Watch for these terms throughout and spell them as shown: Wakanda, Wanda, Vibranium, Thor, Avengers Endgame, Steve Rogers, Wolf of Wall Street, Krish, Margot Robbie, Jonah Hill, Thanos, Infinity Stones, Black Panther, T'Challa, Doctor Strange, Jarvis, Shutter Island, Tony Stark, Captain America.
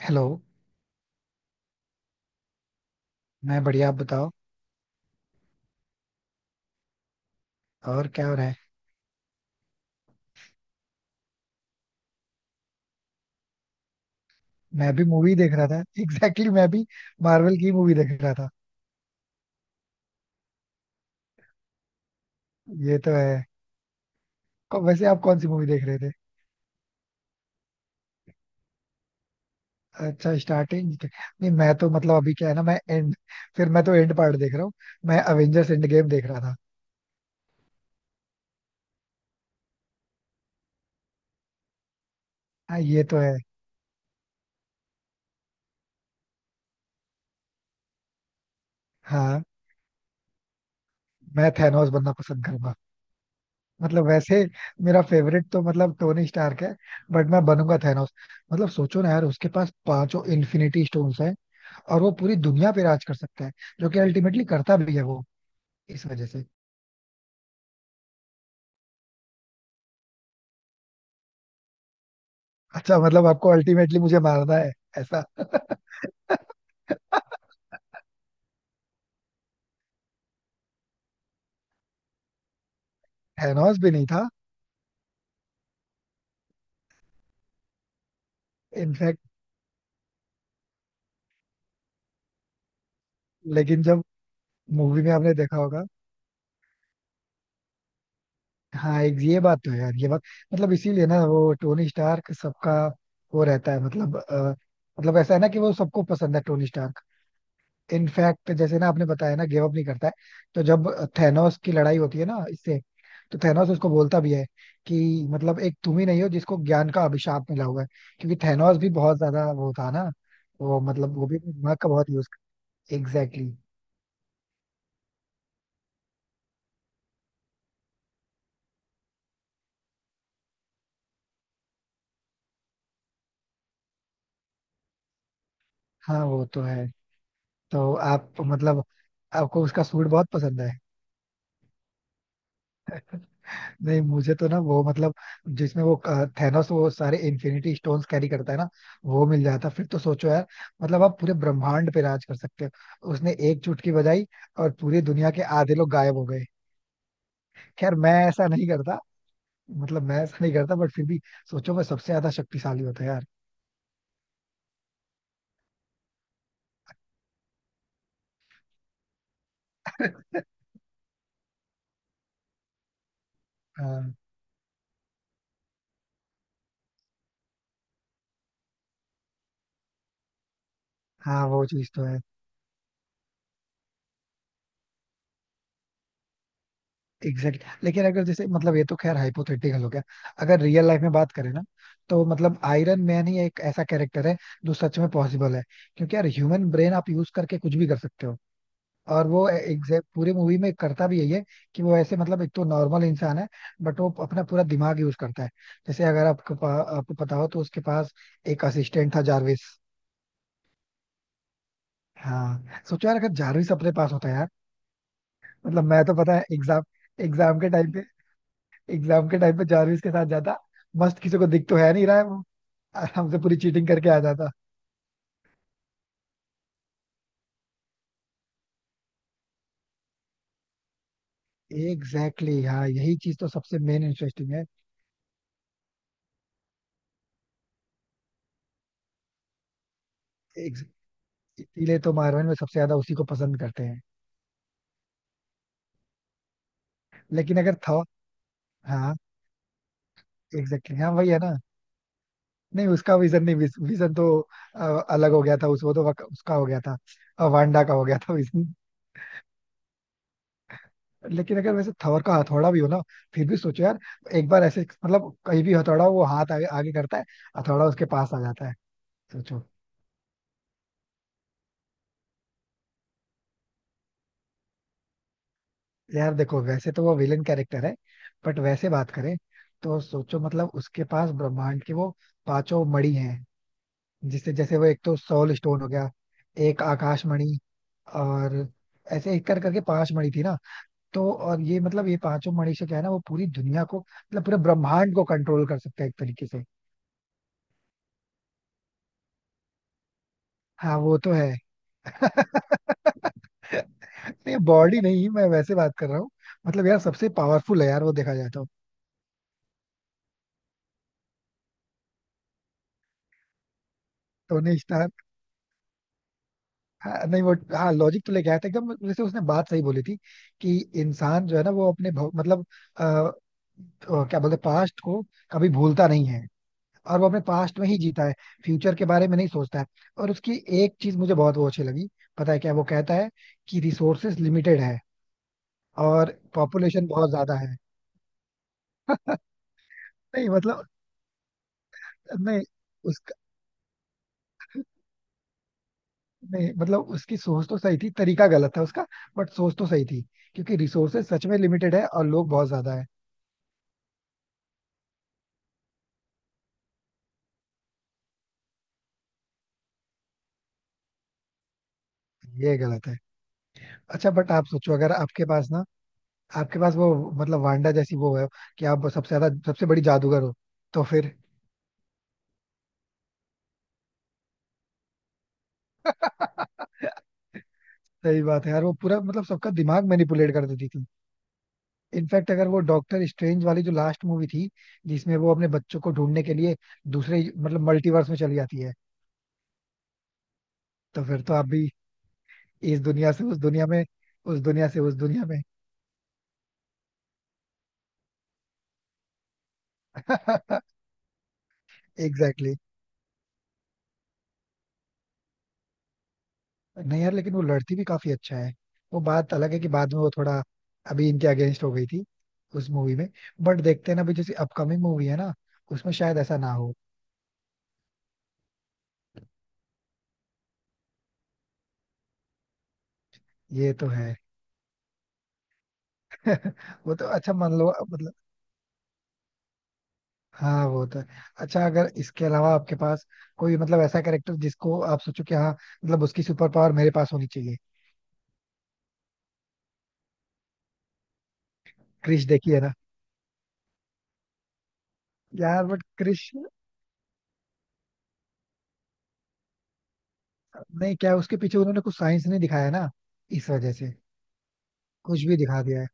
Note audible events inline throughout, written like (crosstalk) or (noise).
Hello. मैं बढ़िया, आप बताओ. और क्या हो रहा है? मैं भी मूवी देख रहा था. (laughs) एग्जैक्टली, मैं भी मार्वल की मूवी देख रहा था. ये तो है. और वैसे आप कौन सी मूवी देख रहे थे? अच्छा, स्टार्टिंग नहीं, मैं तो मतलब अभी क्या है ना, मैं एंड, फिर मैं तो एंड पार्ट देख रहा हूँ. मैं अवेंजर्स एंड गेम देख रहा था. हाँ, ये तो है. हाँ, मैं थैनोस बनना पसंद करूंगा. मतलब वैसे मेरा फेवरेट तो मतलब टोनी स्टार्क है, बट मैं बनूंगा थैनोस. मतलब सोचो ना यार, उसके पास पांचों इन्फिनिटी स्टोन्स है और वो पूरी दुनिया पे राज कर सकता है, जो कि अल्टीमेटली करता भी है वो, इस वजह से. अच्छा, मतलब आपको अल्टीमेटली मुझे मारना है? ऐसा. (laughs) थैनोस भी नहीं था. इनफैक्ट लेकिन जब मूवी में आपने देखा होगा, हाँ, एक ये बात तो है यार, ये बात, मतलब इसीलिए ना वो टोनी स्टार्क सबका वो रहता है, मतलब मतलब ऐसा है ना कि वो सबको पसंद है टोनी स्टार्क. इनफैक्ट जैसे ना आपने बताया ना गिव अप नहीं करता है, तो जब थैनोस की लड़ाई होती है ना इससे, तो थैनोस उसको बोलता भी है कि मतलब एक तुम ही नहीं हो जिसको ज्ञान का अभिशाप मिला हुआ है. क्योंकि थैनोस भी बहुत ज्यादा वो था ना, वो मतलब वो भी अपने दिमाग का बहुत यूज. Exactly exactly. हाँ, वो तो है. तो आप मतलब, आपको उसका सूट बहुत पसंद है. नहीं मुझे तो ना वो मतलब, जिसमें वो थैनोस वो सारे इन्फिनिटी स्टोन्स कैरी करता है ना, वो मिल जाता फिर तो सोचो यार, मतलब आप पूरे ब्रह्मांड पे राज कर सकते हो. उसने एक चुटकी बजाई और पूरी दुनिया के आधे लोग गायब हो गए. खैर, मैं ऐसा नहीं करता, मतलब मैं ऐसा नहीं करता, बट फिर भी सोचो, मैं सबसे ज्यादा शक्तिशाली होता यार. हाँ, हाँ, वो चीज तो है. Exact exactly. लेकिन अगर जैसे मतलब, ये तो खैर हाइपोथेटिकल हो गया. अगर रियल लाइफ में बात करें ना, तो मतलब आयरन मैन ही एक ऐसा कैरेक्टर है जो सच में पॉसिबल है. क्योंकि यार, ह्यूमन ब्रेन आप यूज करके कुछ भी कर सकते हो, और वो एग्जैक्ट पूरी मूवी में करता भी यही है कि वो ऐसे मतलब एक तो नॉर्मल इंसान है, बट वो अपना पूरा दिमाग यूज करता है. जैसे अगर आपको आपको पता हो तो उसके पास एक असिस्टेंट था जारविस. हाँ, सोचो यार अगर जारविस अपने पास होता यार. मतलब मैं तो, पता है, एग्जाम एग्जाम के टाइम पे एग्जाम के टाइम पे जारविस के साथ जाता मस्त, किसी को दिख तो है नहीं रहा है वो, आराम से पूरी चीटिंग करके आ जाता. एग्जैक्टली, हाँ, यही चीज तो सबसे मेन इंटरेस्टिंग है. Ex- इसीलिए तो मार्वल में सबसे ज्यादा उसी को पसंद करते हैं. लेकिन अगर थॉर, हाँ, एग्जैक्टली exactly, हाँ वही है ना. नहीं उसका विजन नहीं, विजन तो अ, अलग हो गया था उस, वो तो उसका हो गया था, वांडा का हो गया था विजन. लेकिन अगर वैसे थॉर का हथौड़ा भी हो ना, फिर भी सोचो यार, एक बार ऐसे मतलब कहीं भी हथौड़ा वो हाथ आगे, आगे करता है, हथौड़ा उसके पास आ जाता है. सोचो. यार देखो, वैसे तो वो विलन कैरेक्टर है, बट वैसे बात करें तो सोचो, मतलब उसके पास ब्रह्मांड की वो पांचों मणि हैं, जिससे जैसे वो एक तो सोल स्टोन हो गया, एक आकाश मणि, और ऐसे एक कर करके पांच मणि थी ना. तो और ये मतलब ये पांचों मणि से क्या है ना, वो पूरी दुनिया को मतलब पूरे ब्रह्मांड को कंट्रोल कर सकता है एक तरीके से. हाँ, वो तो है. (laughs) नहीं बॉडी नहीं, मैं वैसे बात कर रहा हूँ. मतलब यार सबसे पावरफुल है यार वो, देखा जाए तो. टोनी, हाँ, नहीं वो, हाँ लॉजिक तो लेके आया था एकदम, जैसे उसने बात सही बोली थी कि इंसान जो है ना, वो अपने मतलब अ, अ, क्या बोलते पास्ट को, कभी भूलता नहीं है और वो अपने पास्ट में ही जीता है, फ्यूचर के बारे में नहीं सोचता है. और उसकी एक चीज मुझे बहुत वो अच्छी लगी, पता है क्या वो कहता है, कि रिसोर्सेस लिमिटेड है और पॉपुलेशन बहुत ज्यादा है. (laughs) नहीं मतलब, नहीं उसका, नहीं मतलब उसकी सोच तो सही थी, तरीका गलत था उसका, बट सोच तो सही थी. क्योंकि रिसोर्सेज सच में लिमिटेड है और लोग बहुत ज्यादा है. ये गलत है. अच्छा बट आप सोचो, अगर आपके पास ना, आपके पास वो मतलब वांडा जैसी वो है, कि आप सबसे ज्यादा सबसे बड़ी जादूगर हो, तो फिर. (laughs) सही बात है यार, वो पूरा मतलब सबका दिमाग मैनिपुलेट कर देती थी. इनफैक्ट अगर वो डॉक्टर स्ट्रेंज वाली जो लास्ट मूवी थी, जिसमें वो अपने बच्चों को ढूंढने के लिए दूसरे मतलब मल्टीवर्स में चली जाती है. तो फिर तो आप भी इस दुनिया से उस दुनिया में, उस दुनिया से उस दुनिया में. (laughs) एग्जैक्टली. नहीं यार लेकिन वो लड़ती भी काफी अच्छा है. वो बात अलग है कि बाद में वो थोड़ा अभी इनके अगेंस्ट हो गई थी उस मूवी में, बट देखते हैं ना, अभी जैसे अपकमिंग मूवी है ना, उसमें शायद ऐसा ना हो. ये तो है. (laughs) वो तो, अच्छा मान लो मतलब, हाँ वो तो है. अच्छा अगर इसके अलावा आपके पास कोई मतलब ऐसा कैरेक्टर जिसको आप सोचो कि हाँ, मतलब उसकी सुपर पावर मेरे पास होनी चाहिए. क्रिश देखी है ना. यार बट क्रिश, नहीं क्या है, उसके पीछे उन्होंने कुछ साइंस नहीं दिखाया ना, इस वजह से कुछ भी दिखा दिया है.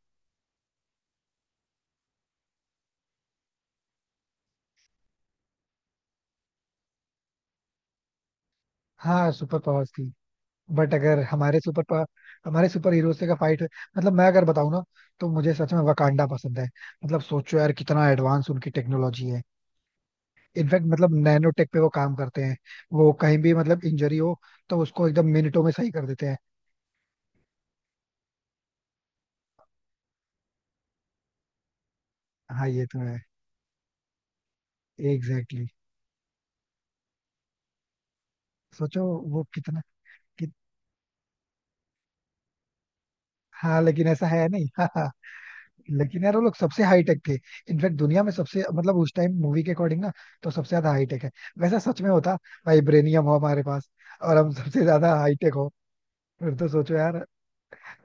हाँ, सुपर पावर्स थी. बट अगर हमारे हमारे सुपर हीरोज का फाइट मतलब, मैं अगर बताऊं ना, तो मुझे सच में वकांडा पसंद है. मतलब सोचो यार कितना एडवांस उनकी टेक्नोलॉजी है. इनफैक्ट मतलब नैनो टेक पे वो काम करते हैं, वो कहीं भी मतलब इंजरी हो तो उसको एकदम मिनटों में सही कर देते हैं. हाँ, ये तो है. Exactly exactly. सोचो वो कितना, कित... हाँ लेकिन ऐसा है नहीं. (laughs) लेकिन यार वो लोग सबसे हाई टेक थे. इनफैक्ट दुनिया में सबसे मतलब उस टाइम मूवी के अकॉर्डिंग ना, तो सबसे ज्यादा हाई टेक है. वैसा सच में होता, वाइब्रेनियम हो हमारे पास और हम सबसे ज्यादा हाई टेक हो, फिर तो सोचो यार,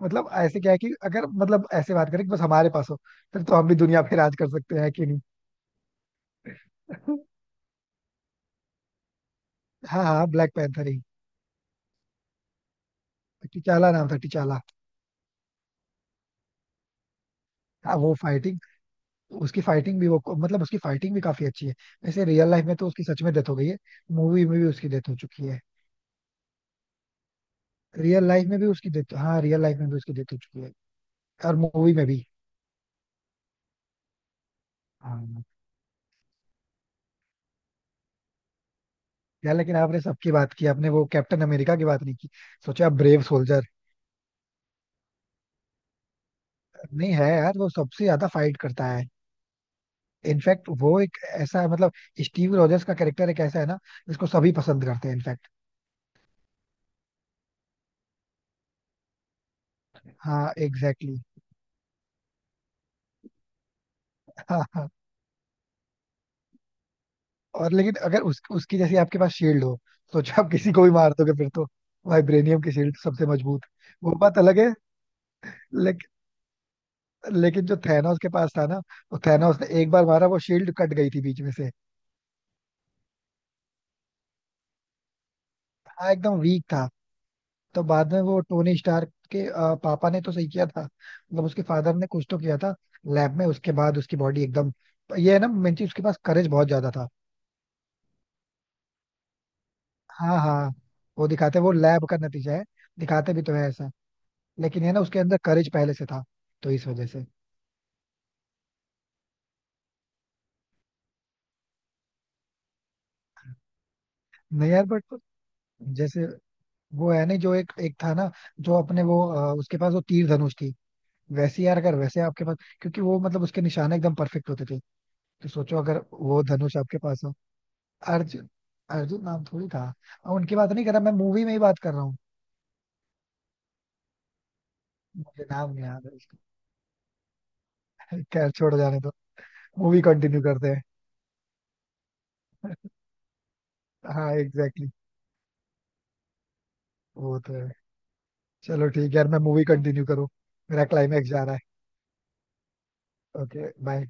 मतलब ऐसे क्या है कि अगर मतलब ऐसे बात करें कि बस हमारे पास हो, फिर तो हम भी दुनिया पे राज कर सकते हैं कि नहीं. (laughs) हाँ, हाँ, ब्लैक पैंथर ही. टिचाला नाम था, टिचाला. हाँ, वो फाइटिंग, उसकी फाइटिंग भी वो मतलब उसकी फाइटिंग भी काफी अच्छी है. वैसे रियल लाइफ में तो उसकी सच में डेथ हो गई है, मूवी में भी उसकी डेथ हो चुकी है. रियल लाइफ में भी उसकी डेथ, हाँ रियल लाइफ में भी उसकी डेथ हो चुकी है, और मूवी में भी. हाँ, यार लेकिन आपने सबकी बात की, आपने वो कैप्टन अमेरिका की बात नहीं की. सोचा आप, ब्रेव सोल्जर. नहीं है यार, वो सबसे ज्यादा फाइट करता है. इनफैक्ट वो एक ऐसा मतलब स्टीव रॉजर्स का कैरेक्टर एक ऐसा है ना, जिसको सभी पसंद करते हैं इनफैक्ट. हाँ, एग्जैक्टली exactly. हाँ, हाँ. और लेकिन अगर उस, उसकी जैसी आपके पास शील्ड हो, सोचो आप किसी को भी मार दोगे फिर तो. वाइब्रेनियम की शील्ड सबसे मजबूत. वो बात अलग है. लेकिन जो थैनोस के पास था ना, वो थैनोस ने एक बार मारा, वो शील्ड कट गई थी बीच में से. हाँ, एकदम वीक था. तो बाद में वो टोनी स्टार्क के पापा ने तो सही किया था, मतलब उसके फादर ने कुछ तो किया था लैब में, उसके बाद उसकी बॉडी एकदम, ये है ना मेन चीज, उसके पास करेज बहुत ज्यादा था. हाँ, हाँ. वो दिखाते, वो लैब का नतीजा है, दिखाते भी तो है ऐसा. लेकिन है ना, उसके अंदर करेज पहले से था, तो इस वजह से. नहीं यार बट जैसे वो है नहीं, जो एक एक था ना, जो अपने वो, उसके पास वो तीर धनुष थी. वैसे यार अगर वैसे आपके पास, क्योंकि वो मतलब उसके निशाने एकदम परफेक्ट होते थे, तो सोचो अगर वो धनुष आपके पास हो. अर्जुन, अर्जुन नाम थोड़ी था. और उनकी बात नहीं कर रहा, मैं मूवी में ही बात कर रहा हूँ. मुझे नाम नहीं याद है उसका. (laughs) खैर छोड़, जाने दो, मूवी कंटिन्यू करते हैं. हाँ, एग्जैक्टली, वो तो है. चलो ठीक है यार, मैं मूवी कंटिन्यू करूँ, मेरा क्लाइमैक्स जा रहा है. Okay bye.